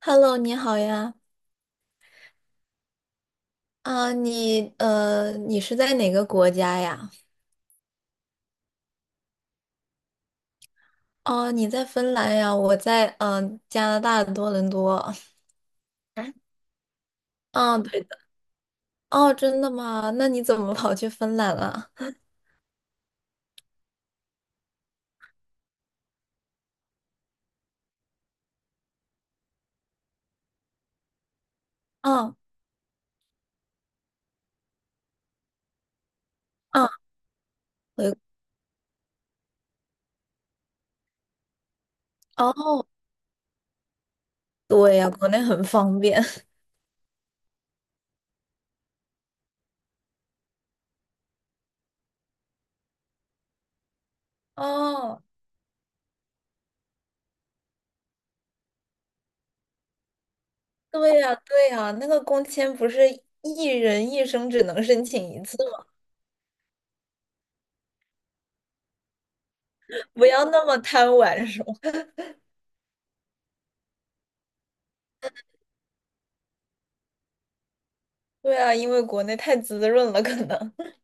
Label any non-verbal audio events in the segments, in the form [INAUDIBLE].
Hello，你好呀。啊，你是在哪个国家呀？哦，你在芬兰呀，我在加拿大的多伦多。嗯，对的。哦，真的吗？那你怎么跑去芬兰了？嗯嗯，回哦，对呀，国内很方便。[LAUGHS] 哦，对呀，对呀，那个工签不是一人一生只能申请一次吗？不要那么贪玩，是吗？对啊，因为国内太滋润了，可能。[LAUGHS]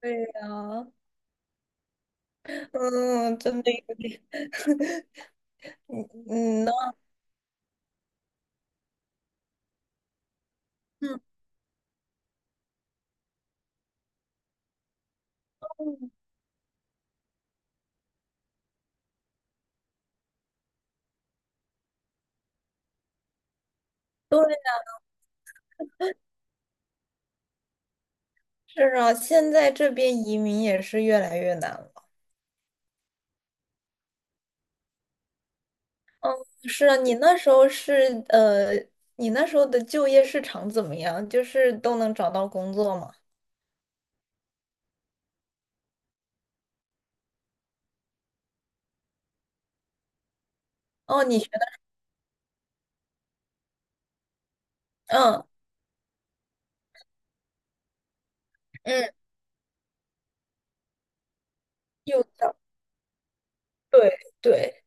对呀，嗯，真的有点，[LAUGHS] 嗯嗯呢，嗯，对呀。是啊，现在这边移民也是越来越难了。是啊，你那时候的就业市场怎么样？就是都能找到工作吗？哦，嗯嗯，幼教，对对，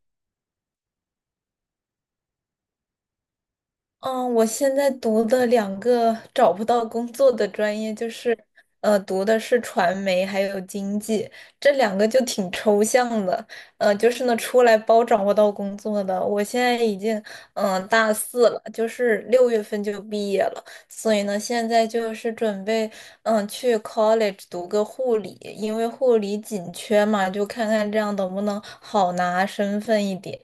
嗯，我现在读的两个找不到工作的专业，就是，读的是传媒还有经济，这两个就挺抽象的。就是呢，出来包找不到工作的。我现在已经，大四了，就是六月份就毕业了，所以呢，现在就是准备，去 college 读个护理，因为护理紧缺嘛，就看看这样能不能好拿身份一点。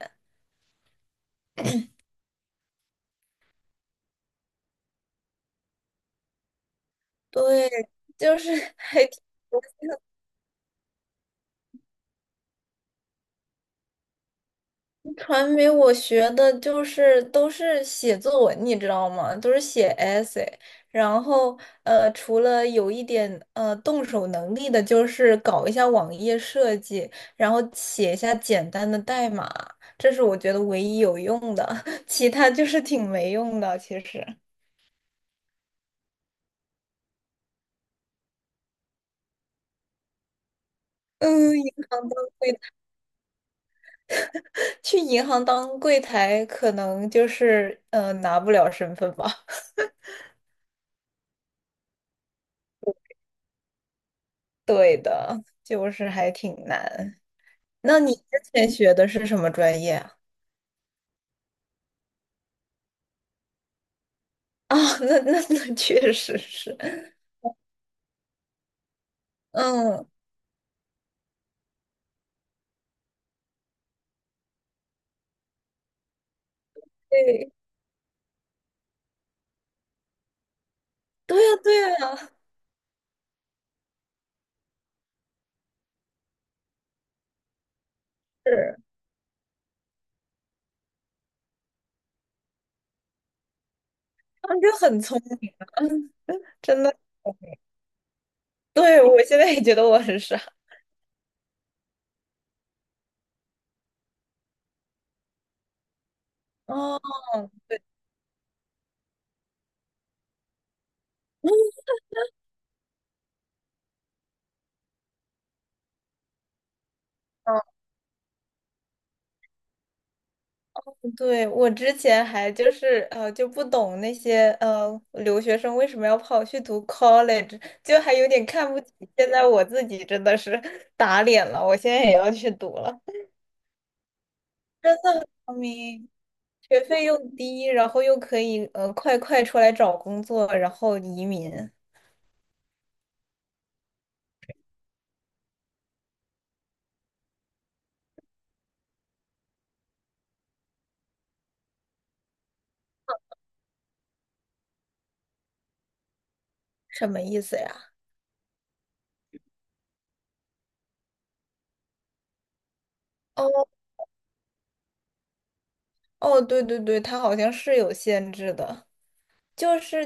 对，就是 [LAUGHS] 传媒我学的就是都是写作文，你知道吗？都是写 essay。然后除了有一点动手能力的，就是搞一下网页设计，然后写一下简单的代码，这是我觉得唯一有用的，[LAUGHS] 其他就是挺没用的，其实。嗯，银行当去银行当柜台，可能就是拿不了身份吧。[LAUGHS] 对的，就是还挺难。那你之前学的是什么专业啊？[LAUGHS] 哦，那确实是，嗯，对，对呀，对呀，是，他们就很聪明啊，嗯，真的，对，我现在也觉得我很傻。哦，哦，对，我之前还就是就不懂那些留学生为什么要跑去读 college，就还有点看不起。现在我自己真的是 [LAUGHS] 打脸了，我现在也要去读了，聪明。学费又低，然后又可以快快出来找工作，然后移民，什么意思呀？哦哦，对对对，它好像是有限制的，就是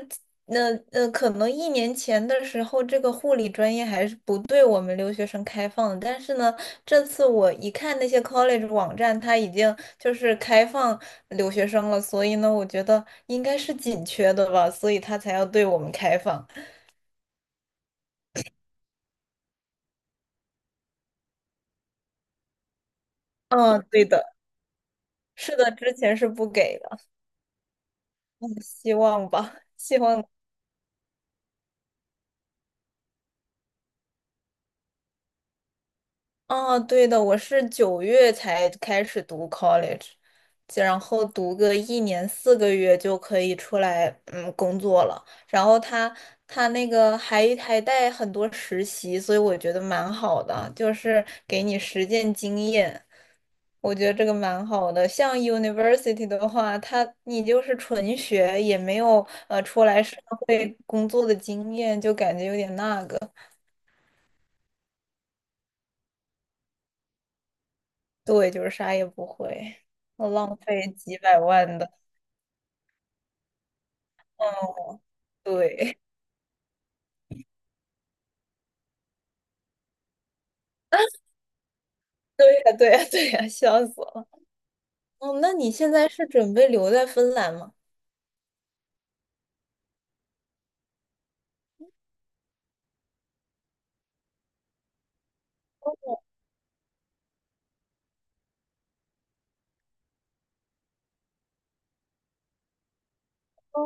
可能一年前的时候，这个护理专业还是不对我们留学生开放的，但是呢，这次我一看那些 college 网站，它已经就是开放留学生了，所以呢，我觉得应该是紧缺的吧，所以它才要对我们开放。嗯，对的，是的，之前是不给的。嗯希望吧，[LAUGHS] 希望。啊，对的，我是九月才开始读 college，然后读个一年四个月就可以出来，工作了。然后他那个还带很多实习，所以我觉得蛮好的，就是给你实践经验。我觉得这个蛮好的。像 university 的话，他你就是纯学，也没有出来社会工作的经验，就感觉有点那个。对，就是啥也不会，我浪费几百万的，对。[LAUGHS] 对呀，对呀，对呀，笑死我了。哦，那你现在是准备留在芬兰吗？哦，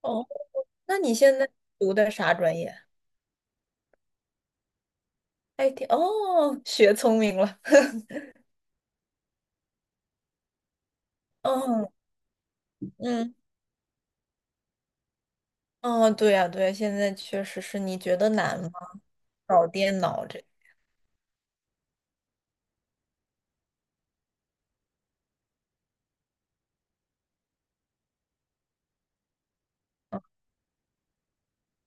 哦那你现在读的啥专业？IT 哦，学聪明了。[LAUGHS] 嗯嗯，哦，对呀，对呀，现在确实是。你觉得难吗？搞电脑这，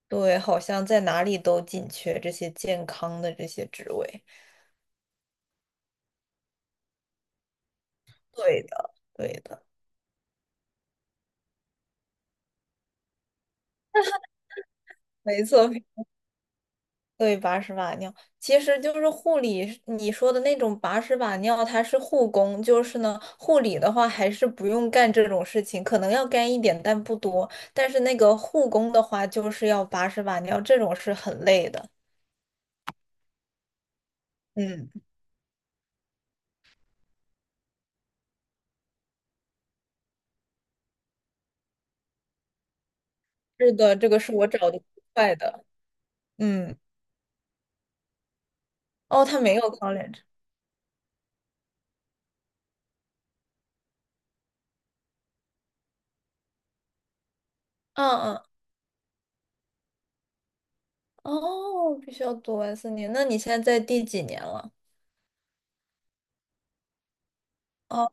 对，好像在哪里都紧缺这些健康的这些职位。对的，对的，没错。对，把屎把尿，其实就是护理是你说的那种把屎把尿，它是护工，就是呢，护理的话还是不用干这种事情，可能要干一点，但不多。但是那个护工的话，就是要把屎把尿，这种是很累的。嗯，是的，这个是我找的最快的。嗯，哦，他没有 college。嗯嗯，哦，必须要读完四年。那你现在在第几年了？哦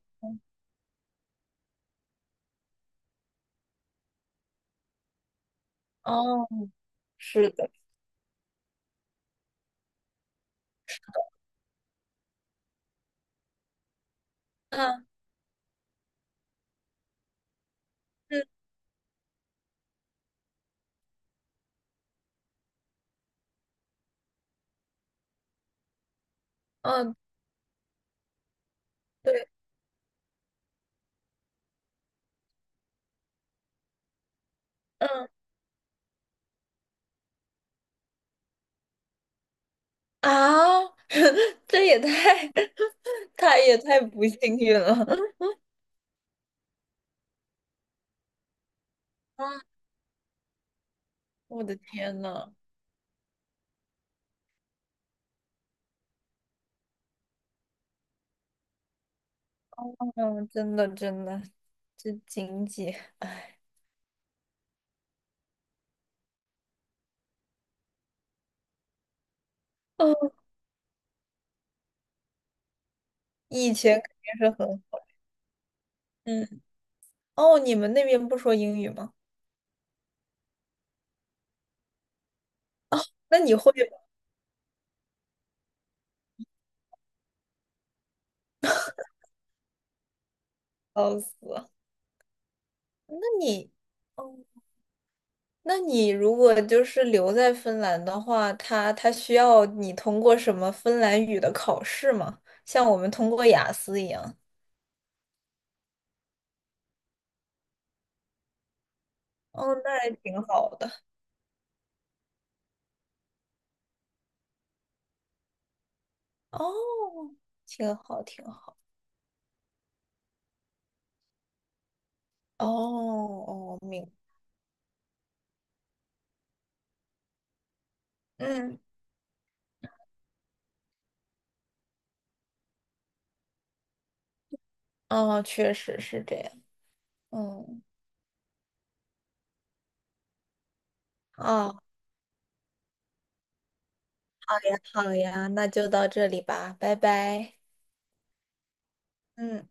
哦，是的。嗯嗯嗯，对。嗯。啊，[LAUGHS] 这也太 [LAUGHS]，他也太不幸运了 [LAUGHS]。啊，[LAUGHS] 我的天呐，嗯，真的真的，这经济，哎，哦，以前肯定是很好。嗯，哦，你们那边不说英语吗？那你会吗？笑死。那你，哦，那你如果就是留在芬兰的话，他需要你通过什么芬兰语的考试吗？像我们通过雅思一样。哦，那还挺好的。哦，挺好，挺好。哦哦，嗯，哦，确实是这样。嗯，哦，好呀，好呀，那就到这里吧，拜拜。嗯。